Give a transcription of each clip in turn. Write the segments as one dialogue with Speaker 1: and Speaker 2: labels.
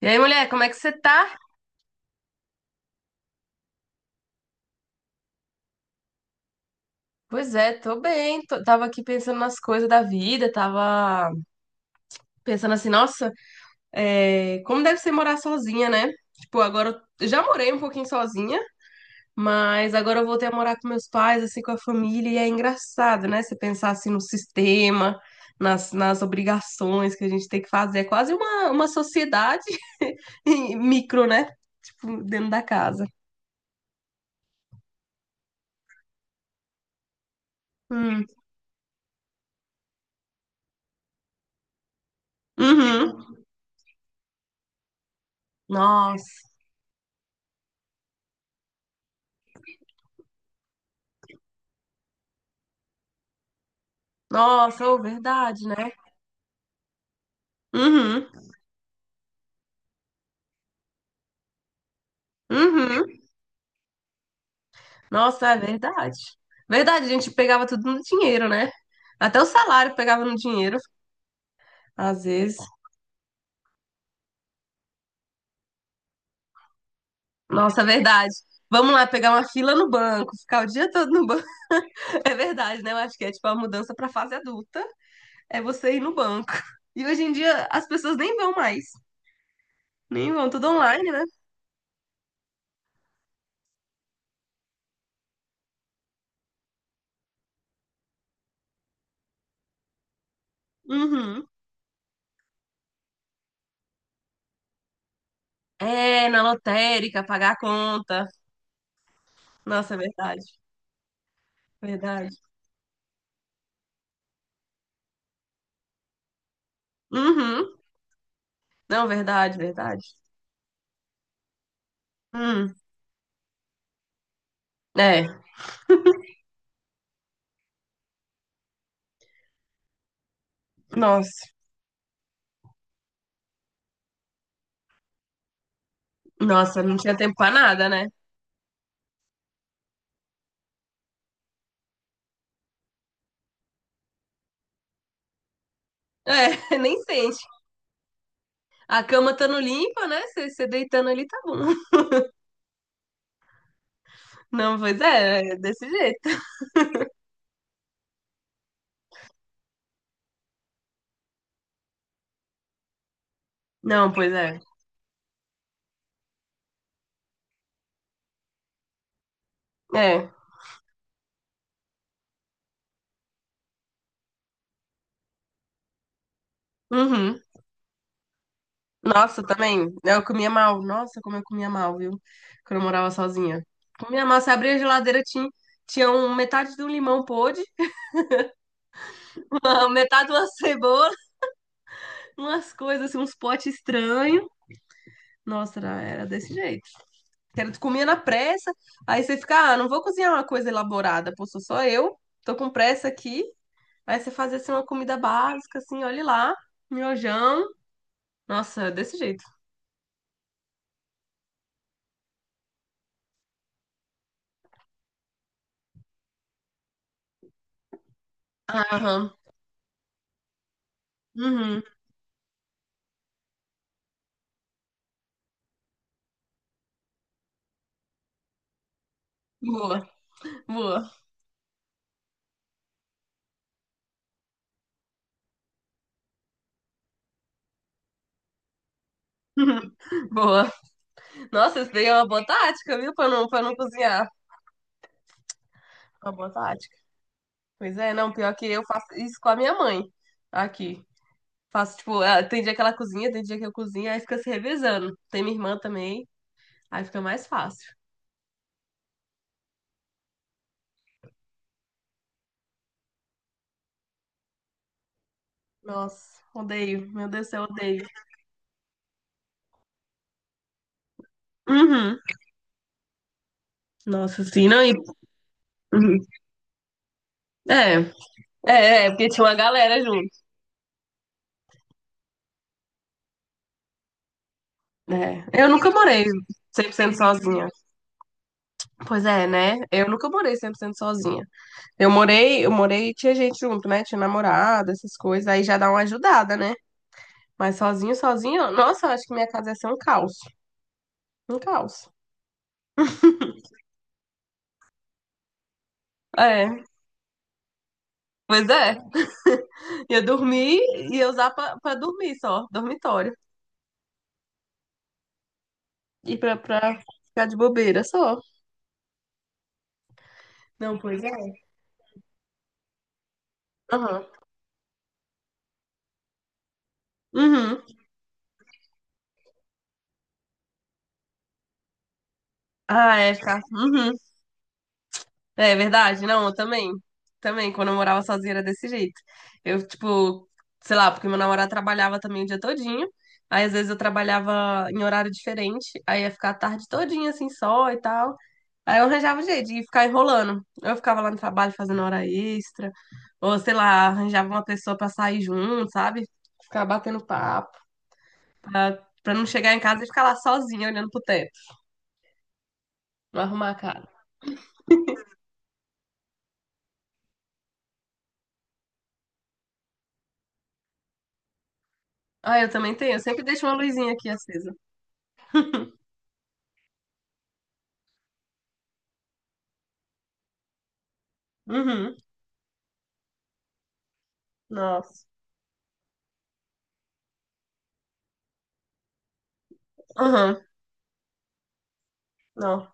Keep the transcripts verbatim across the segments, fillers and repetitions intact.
Speaker 1: E aí, mulher, como é que você tá? Pois é, tô bem. Tô- tava aqui pensando nas coisas da vida, tava pensando assim, nossa, é, como deve ser morar sozinha, né? Tipo, agora eu já morei um pouquinho sozinha, mas agora eu voltei a morar com meus pais, assim, com a família, e é engraçado, né? Você pensar assim no sistema, nas, nas obrigações que a gente tem que fazer. É quase uma, uma sociedade em micro, né? Tipo, dentro da casa. Hum. Uhum. Nossa, nossa, é verdade, né? Uhum, uhum. Nossa, é verdade. Verdade, a gente pegava tudo no dinheiro, né? Até o salário pegava no dinheiro, às vezes. Nossa, é verdade. Vamos lá pegar uma fila no banco, ficar o dia todo no banco. É verdade, né? Eu acho que é tipo a mudança pra fase adulta, é você ir no banco. E hoje em dia as pessoas nem vão mais, nem vão, tudo online, né? Uhum. É, na lotérica, pagar a conta. Nossa, é verdade, verdade. Uhum. Não, verdade, verdade. Hum. É. Nossa, nossa, não tinha tempo pra nada, né? É, nem sente. A cama estando limpa, né? Você você deitando ali tá bom. Não, pois é, é desse jeito. Não, pois é. É. Uhum. Nossa, também. Eu comia mal. Nossa, como eu comia mal, viu? Quando eu morava sozinha. Comia mal, você abria a geladeira, tinha, tinha um, metade de um limão podre, uma- metade de uma cebola, umas coisas, assim, uns potes estranhos. Nossa, era, era desse jeito. Quero- comer na pressa, aí você fica, ah, não vou cozinhar uma coisa elaborada, pô, sou só eu, tô com pressa aqui. Aí você faz assim uma comida básica, assim, olha lá, miojão. Nossa, desse jeito. Aham. Uhum. Boa, boa, boa. Nossa, isso daí é uma boa tática, viu? Pra não, pra não cozinhar. Uma boa tática. Pois é, não, pior que eu faço isso com a minha mãe aqui. Faço, tipo, ah, tem dia que ela cozinha, tem dia que eu cozinho, aí fica se revezando. Tem minha irmã também, aí fica mais fácil. Nossa, odeio. Meu Deus do céu, odeio. Uhum. Nossa, sim, não. E... uhum. É, é, é, porque tinha uma galera junto. É. Eu nunca morei cem por cento sozinha. Pois é, né? Eu nunca morei cem por cento sozinha. Eu morei, eu morei e tinha gente junto, né? Tinha namorada, essas coisas. Aí já dá uma ajudada, né? Mas sozinho, sozinho, nossa, eu acho que minha casa ia ser um caos. Um caos. É, pois é. Ia dormir e ia usar pra, pra dormir só, dormitório. E pra, pra ficar de bobeira só. Não, pois é. Aham. Uhum. Ah, é, tá. Uhum. É verdade, não, eu também. Também, quando eu morava sozinha era desse jeito. Eu, tipo, sei lá, porque meu namorado trabalhava também o dia todinho. Aí, às vezes, eu trabalhava em horário diferente. Aí, ia ficar a tarde todinha, assim, só e tal. Aí, eu arranjava um jeito de ficar enrolando. Eu ficava lá no trabalho fazendo hora extra. Ou, sei lá, arranjava uma pessoa pra sair junto, sabe? Ficar batendo papo. Pra não chegar em casa e ficar lá sozinha, olhando pro teto. Não arrumar a casa. Ah, eu também tenho. Eu sempre deixo uma luzinha aqui acesa. Uhum. Nossa. Aham. Não.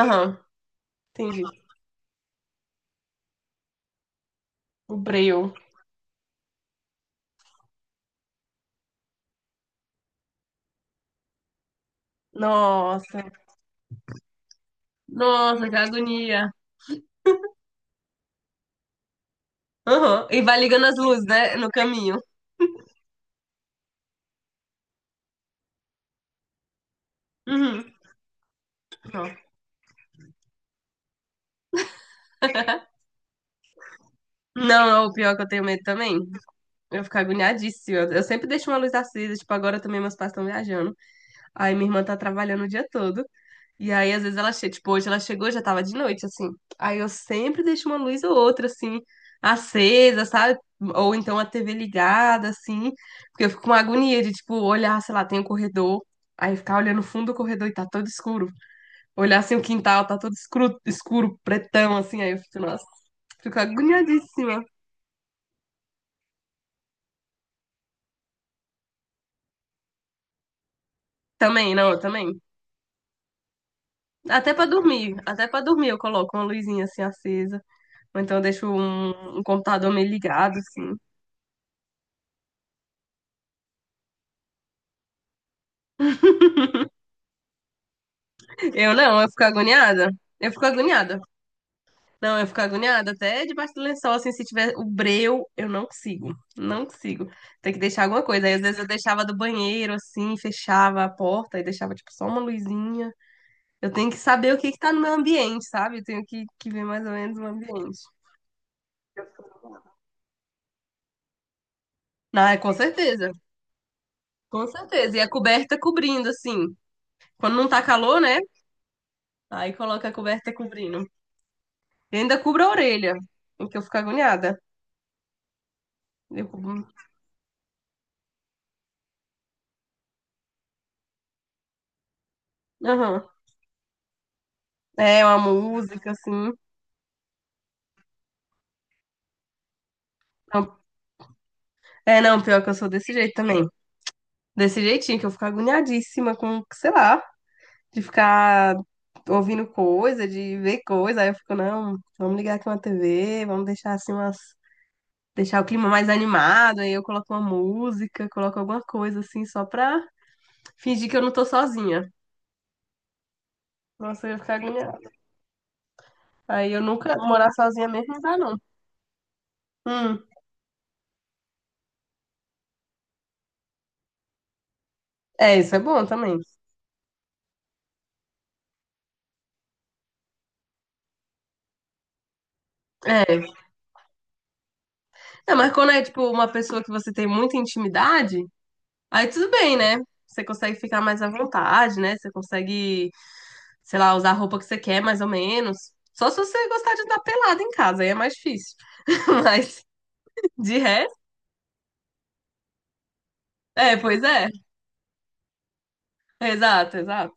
Speaker 1: Aham. Entendi. O breu. Nossa. Nossa, que agonia. Aham. E vai ligando as luzes, né? No caminho. Uhum. Não. Não, não, o pior é que eu tenho medo também. Eu fico agoniadíssima. Eu sempre deixo uma luz acesa. Tipo, agora também meus pais estão viajando. Aí minha irmã tá trabalhando o dia todo. E aí, às vezes, ela chega, tipo, hoje ela chegou, já tava de noite, assim. Aí eu sempre deixo uma luz ou outra, assim, acesa, sabe? Ou então a T V ligada, assim. Porque eu fico com uma agonia de, tipo, olhar, sei lá, tem um corredor. Aí ficar olhando o fundo do corredor e tá todo escuro. Olhar assim o quintal, tá todo escuro, escuro, pretão, assim. Aí eu fico, nossa, fico agoniadíssima. Também, não, eu também. Até pra dormir, até pra dormir eu coloco uma luzinha assim acesa. Ou então eu deixo um, um computador meio ligado, assim. Eu não, eu fico agoniada. Eu fico agoniada. Não, eu fico agoniada até debaixo do lençol, assim, se tiver o breu, eu não consigo. Não consigo. Tem que deixar alguma coisa. Aí, às vezes, eu deixava do banheiro, assim, fechava a porta e deixava, tipo, só uma luzinha. Eu tenho que saber o que que tá no meu ambiente, sabe? Eu tenho que, que ver mais ou menos o ambiente. Não, é com certeza. Com certeza. E a coberta cobrindo, assim. Quando não tá calor, né? Aí coloca a coberta cobrindo. E ainda cubra a orelha, em que eu fico agoniada. Eu cubro. Aham. É uma música, assim. Não, é, não, pior que eu sou desse jeito também. Desse jeitinho, que eu fico agoniadíssima com, sei lá, de ficar ouvindo coisa, de ver coisa. Aí eu fico, não, vamos ligar aqui uma T V, vamos deixar assim umas. Deixar o clima mais animado, aí eu coloco uma música, coloco alguma coisa assim, só pra fingir que eu não tô sozinha. Nossa, eu ia ficar agoniada. Aí eu nunca morar sozinha mesmo não dá, não. Hum, é, isso é bom também. É. É, mas quando é tipo uma pessoa que você tem muita intimidade, aí tudo bem, né? Você consegue ficar mais à vontade, né? Você consegue, sei lá, usar a roupa que você quer, mais ou menos. Só se você gostar de andar pelado em casa, aí é mais difícil. Mas de resto, é, pois é. Exato, exato.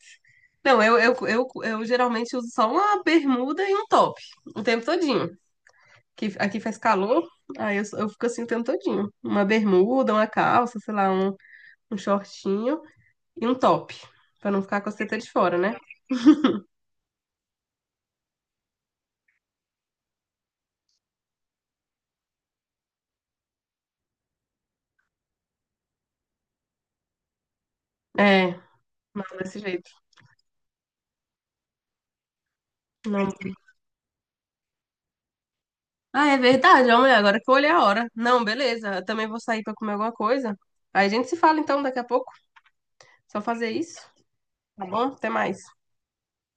Speaker 1: Não, eu, eu, eu, eu geralmente uso só uma bermuda e um top o tempo todinho. Que aqui faz calor, aí eu, eu fico assim o tempo todinho. Uma bermuda, uma calça, sei lá, um, um shortinho e um top. Pra não ficar com a seta de fora, né? É, não, desse jeito. Não. Ah, é verdade, homem, agora que eu olhei a hora. Não, beleza, eu também vou sair pra comer alguma coisa. Aí a gente se fala então daqui a pouco. Só fazer isso, tá bom? Até mais.